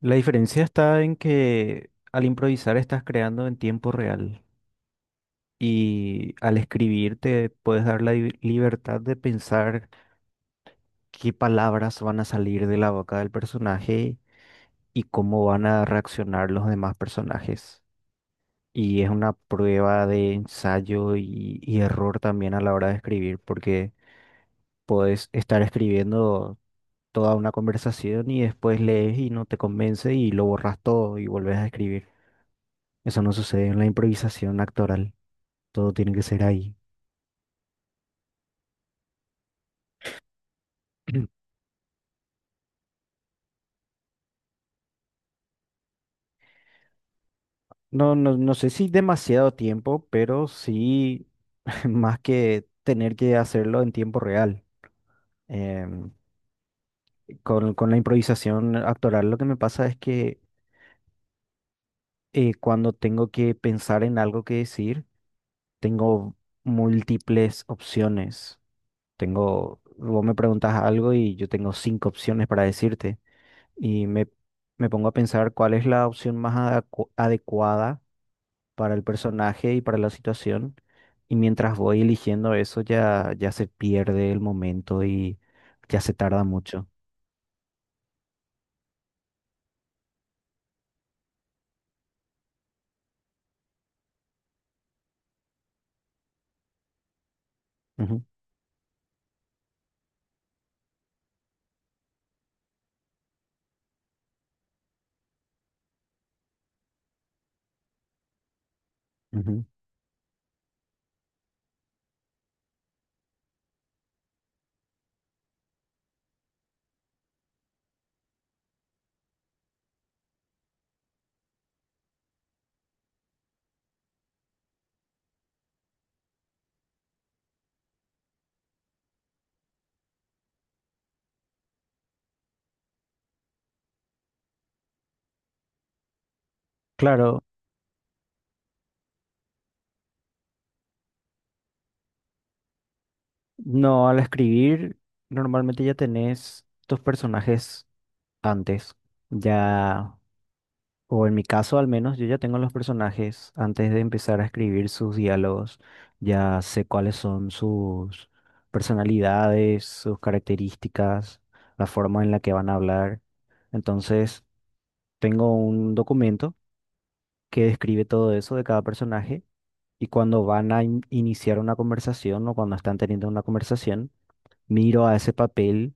La diferencia está en que al improvisar estás creando en tiempo real y al escribir te puedes dar la libertad de pensar qué palabras van a salir de la boca del personaje y cómo van a reaccionar los demás personajes. Y es una prueba de ensayo y error también a la hora de escribir, porque puedes estar escribiendo toda una conversación y después lees y no te convence y lo borras todo y vuelves a escribir. Eso no sucede en la improvisación actoral. Todo tiene que ser ahí. No, no, no sé si demasiado tiempo, pero sí más que tener que hacerlo en tiempo real. Em, con la improvisación actoral lo que me pasa es que cuando tengo que pensar en algo que decir, tengo múltiples opciones. Tengo, vos me preguntas algo y yo tengo 5 opciones para decirte. Y me, me pongo a pensar cuál es la opción más adecuada para el personaje y para la situación. Y mientras voy eligiendo eso, ya, ya se pierde el momento y ya se tarda mucho. Ujú, ujú. Claro, no, al escribir normalmente ya tenés tus personajes antes. Ya O en mi caso, al menos, yo ya tengo los personajes. Antes de empezar a escribir sus diálogos, ya sé cuáles son sus personalidades, sus características, la forma en la que van a hablar. Entonces, tengo un documento que describe todo eso de cada personaje y cuando van a iniciar una conversación o cuando están teniendo una conversación, miro a ese papel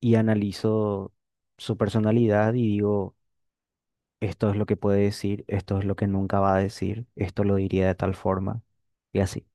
y analizo su personalidad y digo, esto es lo que puede decir, esto es lo que nunca va a decir, esto lo diría de tal forma y así.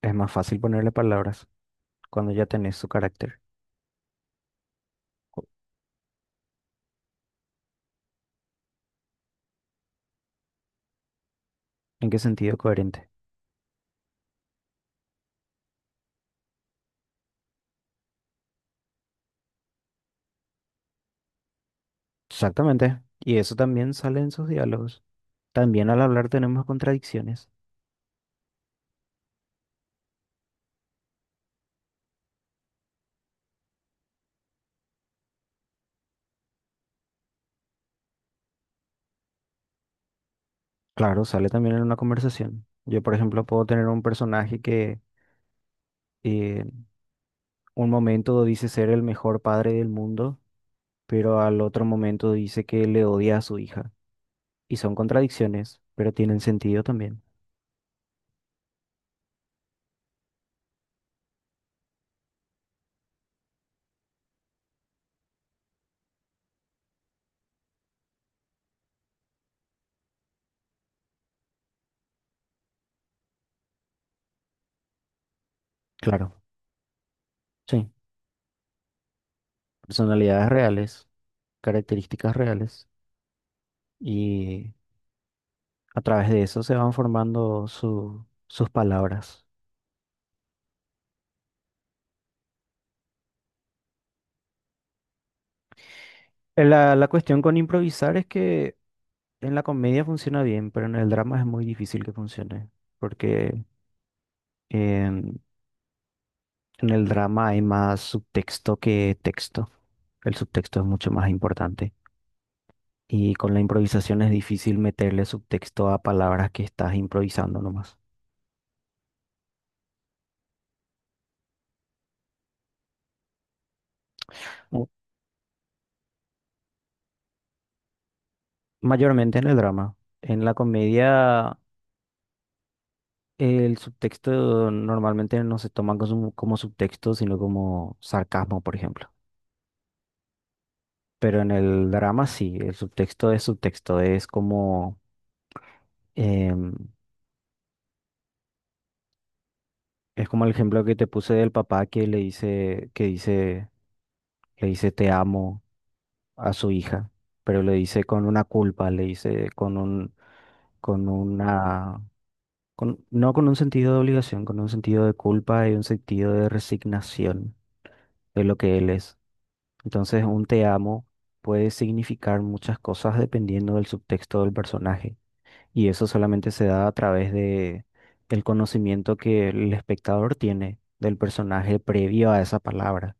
Es más fácil ponerle palabras cuando ya tenés su carácter. ¿En qué sentido coherente? Exactamente. Y eso también sale en sus diálogos. También al hablar tenemos contradicciones. Claro, sale también en una conversación. Yo, por ejemplo, puedo tener un personaje que eh, un momento dice ser el mejor padre del mundo, pero al otro momento dice que le odia a su hija. Y son contradicciones, pero tienen sentido también. Claro. Sí, personalidades reales, características reales, y a través de eso se van formando sus palabras. La cuestión con improvisar es que en la comedia funciona bien, pero en el drama es muy difícil que funcione, porque en, en el drama hay más subtexto que texto. El subtexto es mucho más importante. Y con la improvisación es difícil meterle subtexto a palabras que estás improvisando nomás. O- Mayormente en el drama. En la comedia, el subtexto normalmente no se toma como, como subtexto, sino como sarcasmo, por ejemplo. Pero en el drama sí, el subtexto, es como, em, es como el ejemplo que te puse del papá que le dice, que dice, le dice te amo a su hija, pero le dice con una culpa, le dice con un, con una, no con un sentido de obligación, con un sentido de culpa y un sentido de resignación de lo que él es. Entonces, un te amo puede significar muchas cosas dependiendo del subtexto del personaje. Y eso solamente se da a través de el conocimiento que el espectador tiene del personaje previo a esa palabra.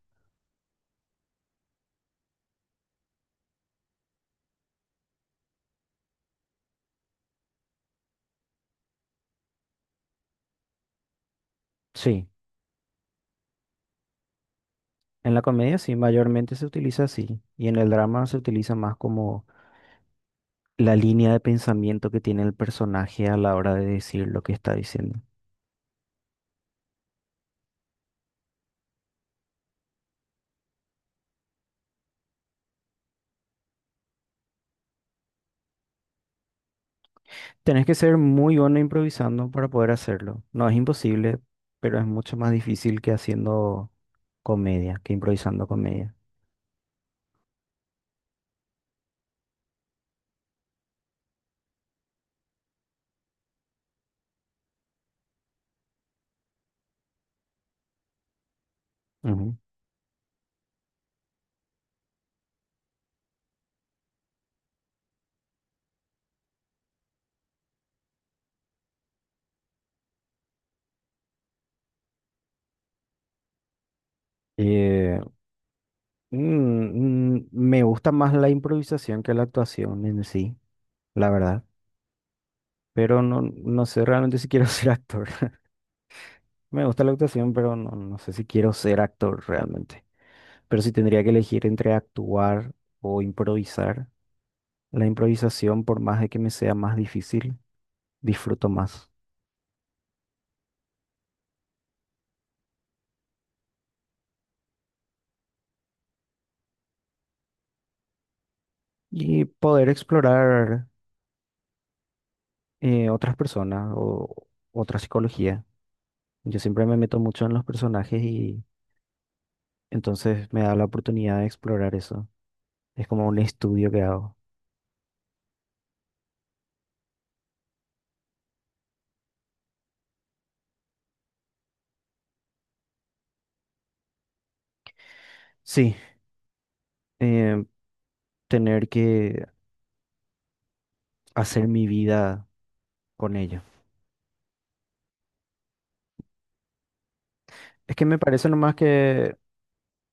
Sí, en la comedia sí, mayormente se utiliza así. Y en el drama se utiliza más como la línea de pensamiento que tiene el personaje a la hora de decir lo que está diciendo. Tenés que ser muy bueno improvisando para poder hacerlo. No es imposible, pero es mucho más difícil que haciendo comedia, que improvisando comedia. Ujú. Eh, mm, me gusta más la improvisación que la actuación en sí, la verdad. Pero no, no sé realmente si quiero ser actor. Me gusta la actuación, pero no, no sé si quiero ser actor realmente. Pero si tendría que elegir entre actuar o improvisar, la improvisación, por más de que me sea más difícil, disfruto más. Y poder explorar otras personas o otra psicología. Yo siempre me meto mucho en los personajes y entonces me da la oportunidad de explorar eso. Es como un estudio que hago. Sí, eh, tener que hacer mi vida con ello. Es que me parece nomás que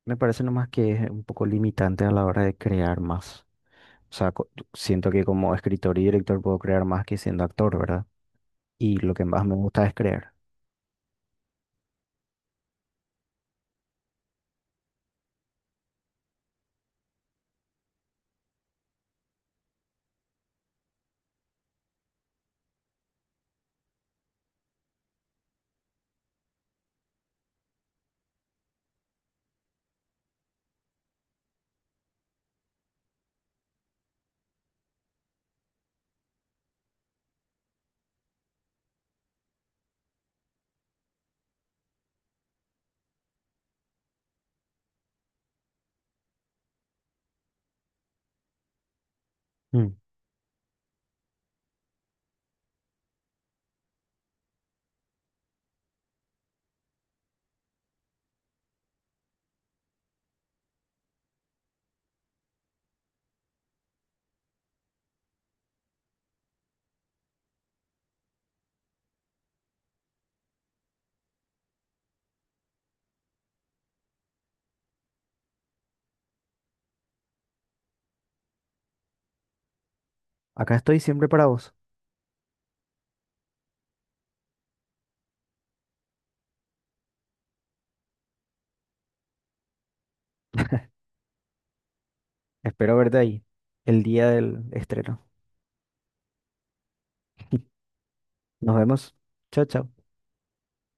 me parece nomás que es un poco limitante a la hora de crear más. O sea, siento que como escritor y director puedo crear más que siendo actor, ¿verdad? Y lo que más me gusta es crear. Mm. Acá estoy siempre para vos. Espero verte ahí el día del estreno. Nos vemos. Chao, chao.